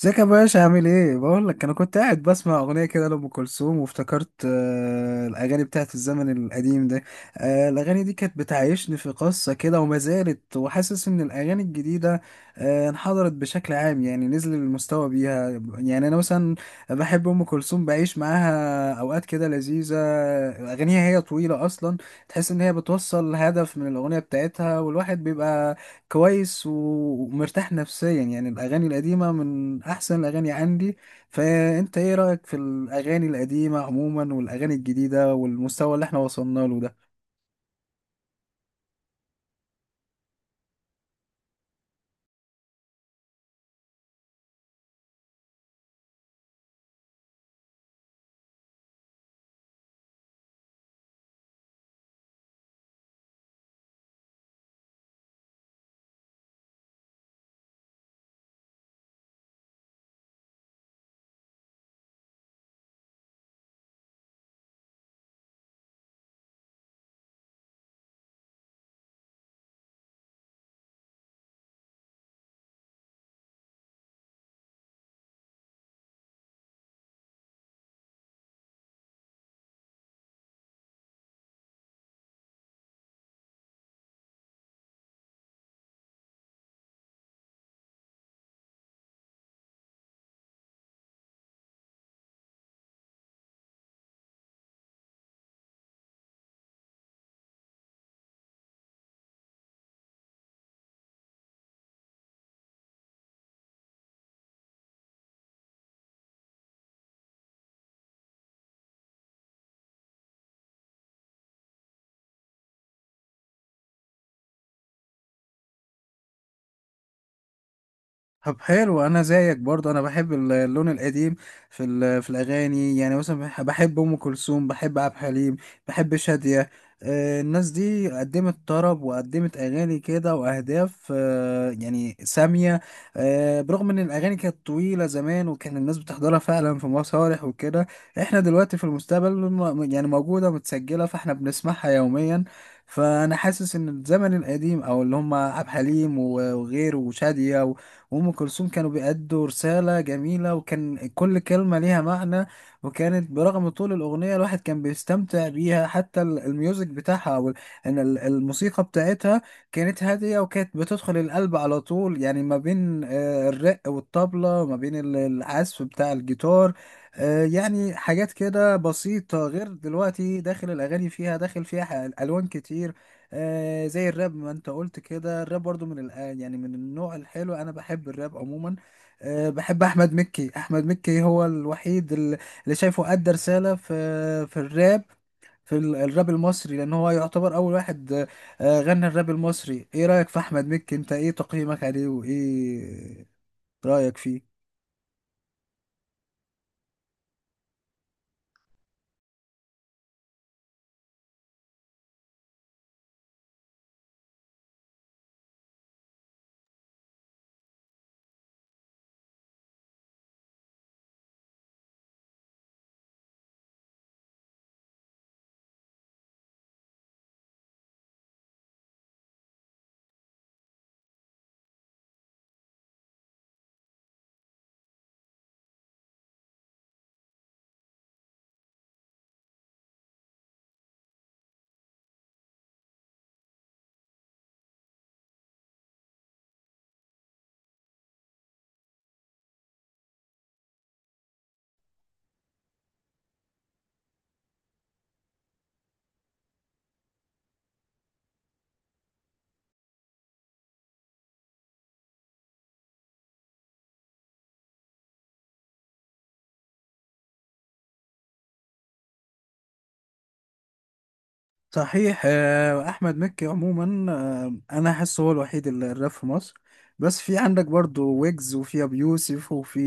ازيك يا باشا، عامل ايه؟ بقول لك انا كنت قاعد بسمع اغنيه كده لام كلثوم، وافتكرت الاغاني بتاعت الزمن القديم ده. الاغاني دي كانت بتعيشني في قصه كده وما زالت، وحاسس ان الاغاني الجديده انحدرت بشكل عام، يعني نزل المستوى بيها. يعني انا مثلا بحب ام كلثوم، بعيش معاها اوقات كده لذيذه. اغانيها هي طويله اصلا، تحس ان هي بتوصل هدف من الاغنيه بتاعتها، والواحد بيبقى كويس ومرتاح نفسيا. يعني الأغاني القديمة من أحسن الأغاني عندي. فأنت إيه رأيك في الأغاني القديمة عموما والأغاني الجديدة والمستوى اللي احنا وصلنا له ده؟ طب حلو، انا زيك برضه، انا بحب اللون القديم في في الاغاني. يعني مثلا بحب ام كلثوم، بحب عبد الحليم، بحب شادية. الناس دي قدمت طرب، وقدمت اغاني كده واهداف يعني سامية. برغم ان الاغاني كانت طويلة زمان، وكان الناس بتحضرها فعلا في مسارح وكده، احنا دلوقتي في المستقبل يعني موجودة متسجلة، فاحنا بنسمعها يوميا. فانا حاسس ان الزمن القديم، او اللي هم عبد الحليم وغيره وشادية وأم كلثوم، كانوا بيأدوا رسالة جميلة، وكان كل كلمة ليها معنى. وكانت برغم طول الأغنية الواحد كان بيستمتع بيها، حتى الميوزك بتاعها، أو إن الموسيقى بتاعتها كانت هادية، وكانت بتدخل القلب على طول. يعني ما بين الرق والطبلة، ما بين العزف بتاع الجيتار. يعني حاجات كده بسيطة، غير دلوقتي داخل الأغاني فيها، داخل فيها ألوان كتير. زي الراب، ما انت قلت كده، الراب برضو من يعني من النوع الحلو، انا بحب الراب عموما. بحب احمد مكي. احمد مكي هو الوحيد اللي شايفه ادى رسالة في الراب، في الراب المصري، لان هو يعتبر اول واحد غنى الراب المصري. ايه رأيك في احمد مكي؟ انت ايه تقييمك عليه، وايه رأيك فيه؟ صحيح. احمد مكي عموما، انا احس هو الوحيد اللي الراب في مصر. بس في عندك برضو ويجز، وفي ابو يوسف، وفي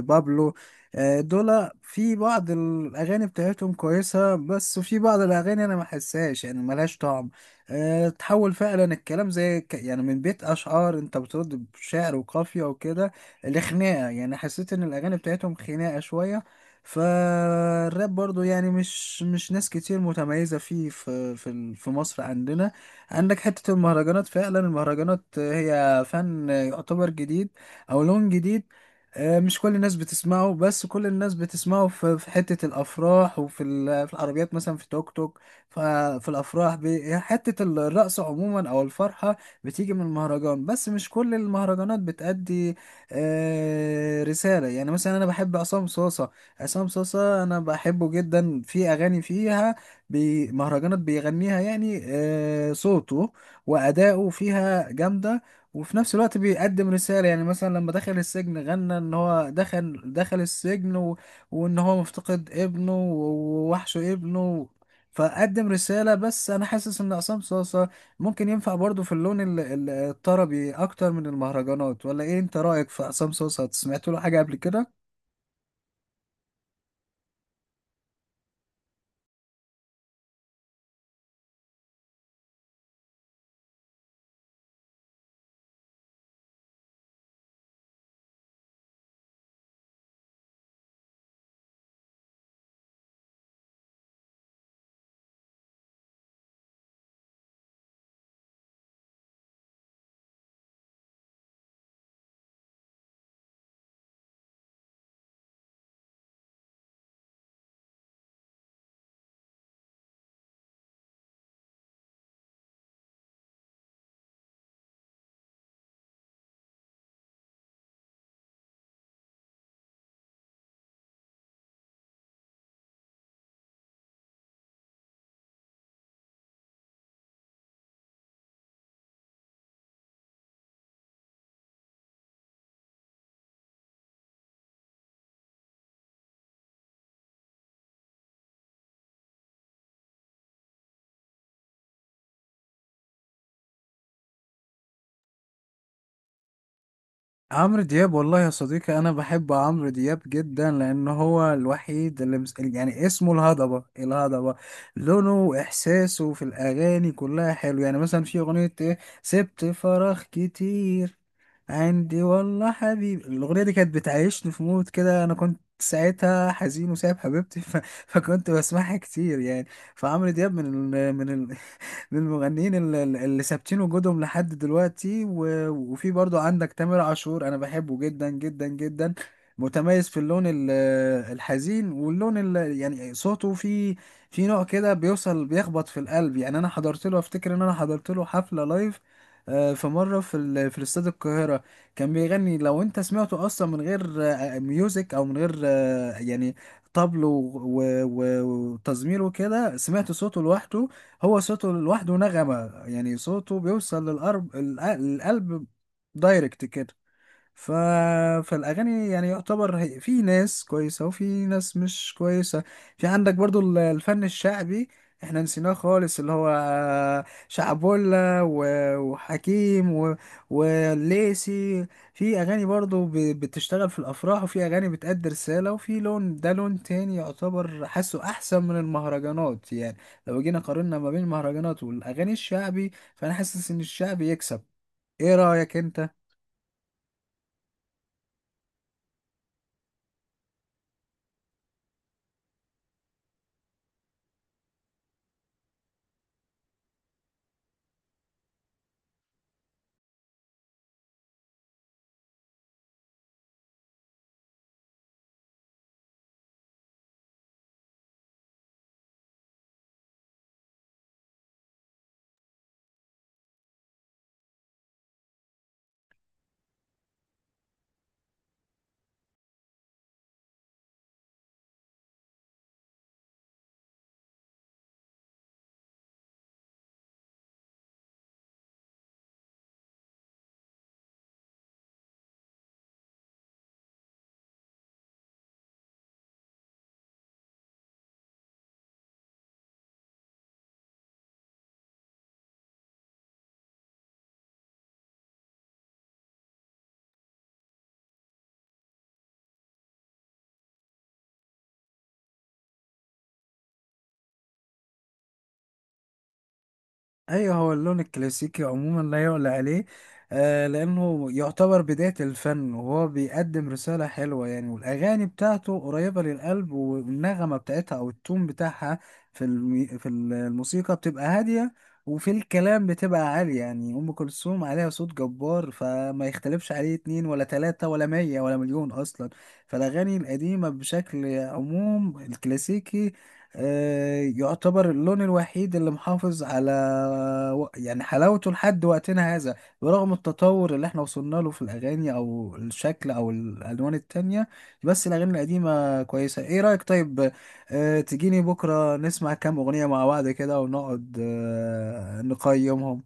بابلو. دول في بعض الاغاني بتاعتهم كويسه، بس في بعض الاغاني انا ما احسهاش، يعني ملهاش طعم. تحول فعلا الكلام، زي يعني من بيت اشعار، انت بترد بشعر وقافيه وكده، لخناقه. يعني حسيت ان الاغاني بتاعتهم خناقه شويه. فالراب برضو يعني مش ناس كتير متميزة فيه، في مصر عندنا. عندك حتة المهرجانات. فعلا المهرجانات هي فن يعتبر جديد، أو لون جديد. مش كل الناس بتسمعه، بس كل الناس بتسمعه في حتة الأفراح، وفي ال- في العربيات، مثلا في توك توك. ففي الأفراح حتة الرقص عموما، أو الفرحة بتيجي من المهرجان. بس مش كل المهرجانات بتأدي رسالة. يعني مثلا أنا بحب عصام صوصة، عصام صاصا، انا بحبه جدا. في اغاني فيها بي مهرجانات بيغنيها، يعني صوته واداؤه فيها جامده، وفي نفس الوقت بيقدم رساله. يعني مثلا لما دخل السجن، غنى ان هو دخل السجن، وان هو مفتقد ابنه، ووحشه ابنه، فقدم رسالة. بس أنا حاسس إن عصام صاصا ممكن ينفع برضو في اللون الطربي أكتر من المهرجانات. ولا إيه أنت رأيك في عصام صاصا؟ سمعت له حاجة قبل كده؟ عمرو دياب، والله يا صديقي، انا بحب عمرو دياب جدا، لان هو الوحيد اللي يعني اسمه الهضبه. الهضبه لونه واحساسه في الاغاني كلها حلو. يعني مثلا في اغنيه ايه سبت فراغ كتير عندي، والله حبيبي. الاغنيه دي كانت بتعيشني في مود كده، انا كنت ساعتها حزين وسايب حبيبتي فكنت بسمعها كتير يعني. فعمرو دياب من من المغنيين اللي ثابتين وجودهم لحد دلوقتي. وفي برضو عندك تامر عاشور، انا بحبه جدا جدا جدا. متميز في اللون الحزين، واللون يعني صوته في نوع كده بيوصل، بيخبط في القلب. يعني انا حضرت له، افتكر ان انا حضرت له حفلة لايف في مرة في في استاد القاهرة. كان بيغني، لو انت سمعته اصلا من غير ميوزك، او من غير يعني طبل و- و- وتزمير وكده، سمعت صوته لوحده. هو صوته لوحده نغمة، يعني صوته بيوصل للقرب القلب، دايركت كده. ف... فالاغاني يعني يعتبر، في ناس كويسه وفي ناس مش كويسه. في عندك برضو الفن الشعبي، احنا نسيناه خالص، اللي هو شعبولة وحكيم والليسي. في اغاني برضو بتشتغل في الافراح، وفي اغاني بتأدي رسالة، وفي لون. ده لون تاني يعتبر، حاسه احسن من المهرجانات. يعني لو جينا قارنا ما بين المهرجانات والاغاني الشعبي، فانا حاسس ان الشعبي يكسب. ايه رأيك انت؟ ايوه، هو اللون الكلاسيكي عموما لا يعلى عليه. لانه يعتبر بداية الفن، وهو بيقدم رسالة حلوة يعني، والاغاني بتاعته قريبة للقلب، والنغمة بتاعتها او التون بتاعها في في الموسيقى بتبقى هادية، وفي الكلام بتبقى عالية. يعني ام كلثوم عليها صوت جبار، فما يختلفش عليه اتنين ولا تلاتة ولا مية ولا مليون اصلا. فالاغاني القديمة بشكل عموم الكلاسيكي يعتبر اللون الوحيد اللي محافظ على يعني حلاوته لحد وقتنا هذا، برغم التطور اللي احنا وصلنا له في الأغاني أو الشكل أو الألوان التانية. بس الأغاني القديمة كويسة. ايه رأيك؟ طيب، تجيني بكرة نسمع كام أغنية مع بعض كده، ونقعد نقيمهم.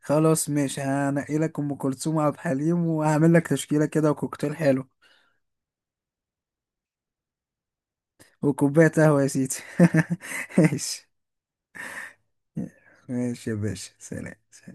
خلاص ماشي، هنقي لك أم كلثوم وعبد الحليم، وهعمل لك تشكيلة كده وكوكتيل حلو، وكوباية قهوة يا سيدي. ماشي، ماشي يا باشا، سلام.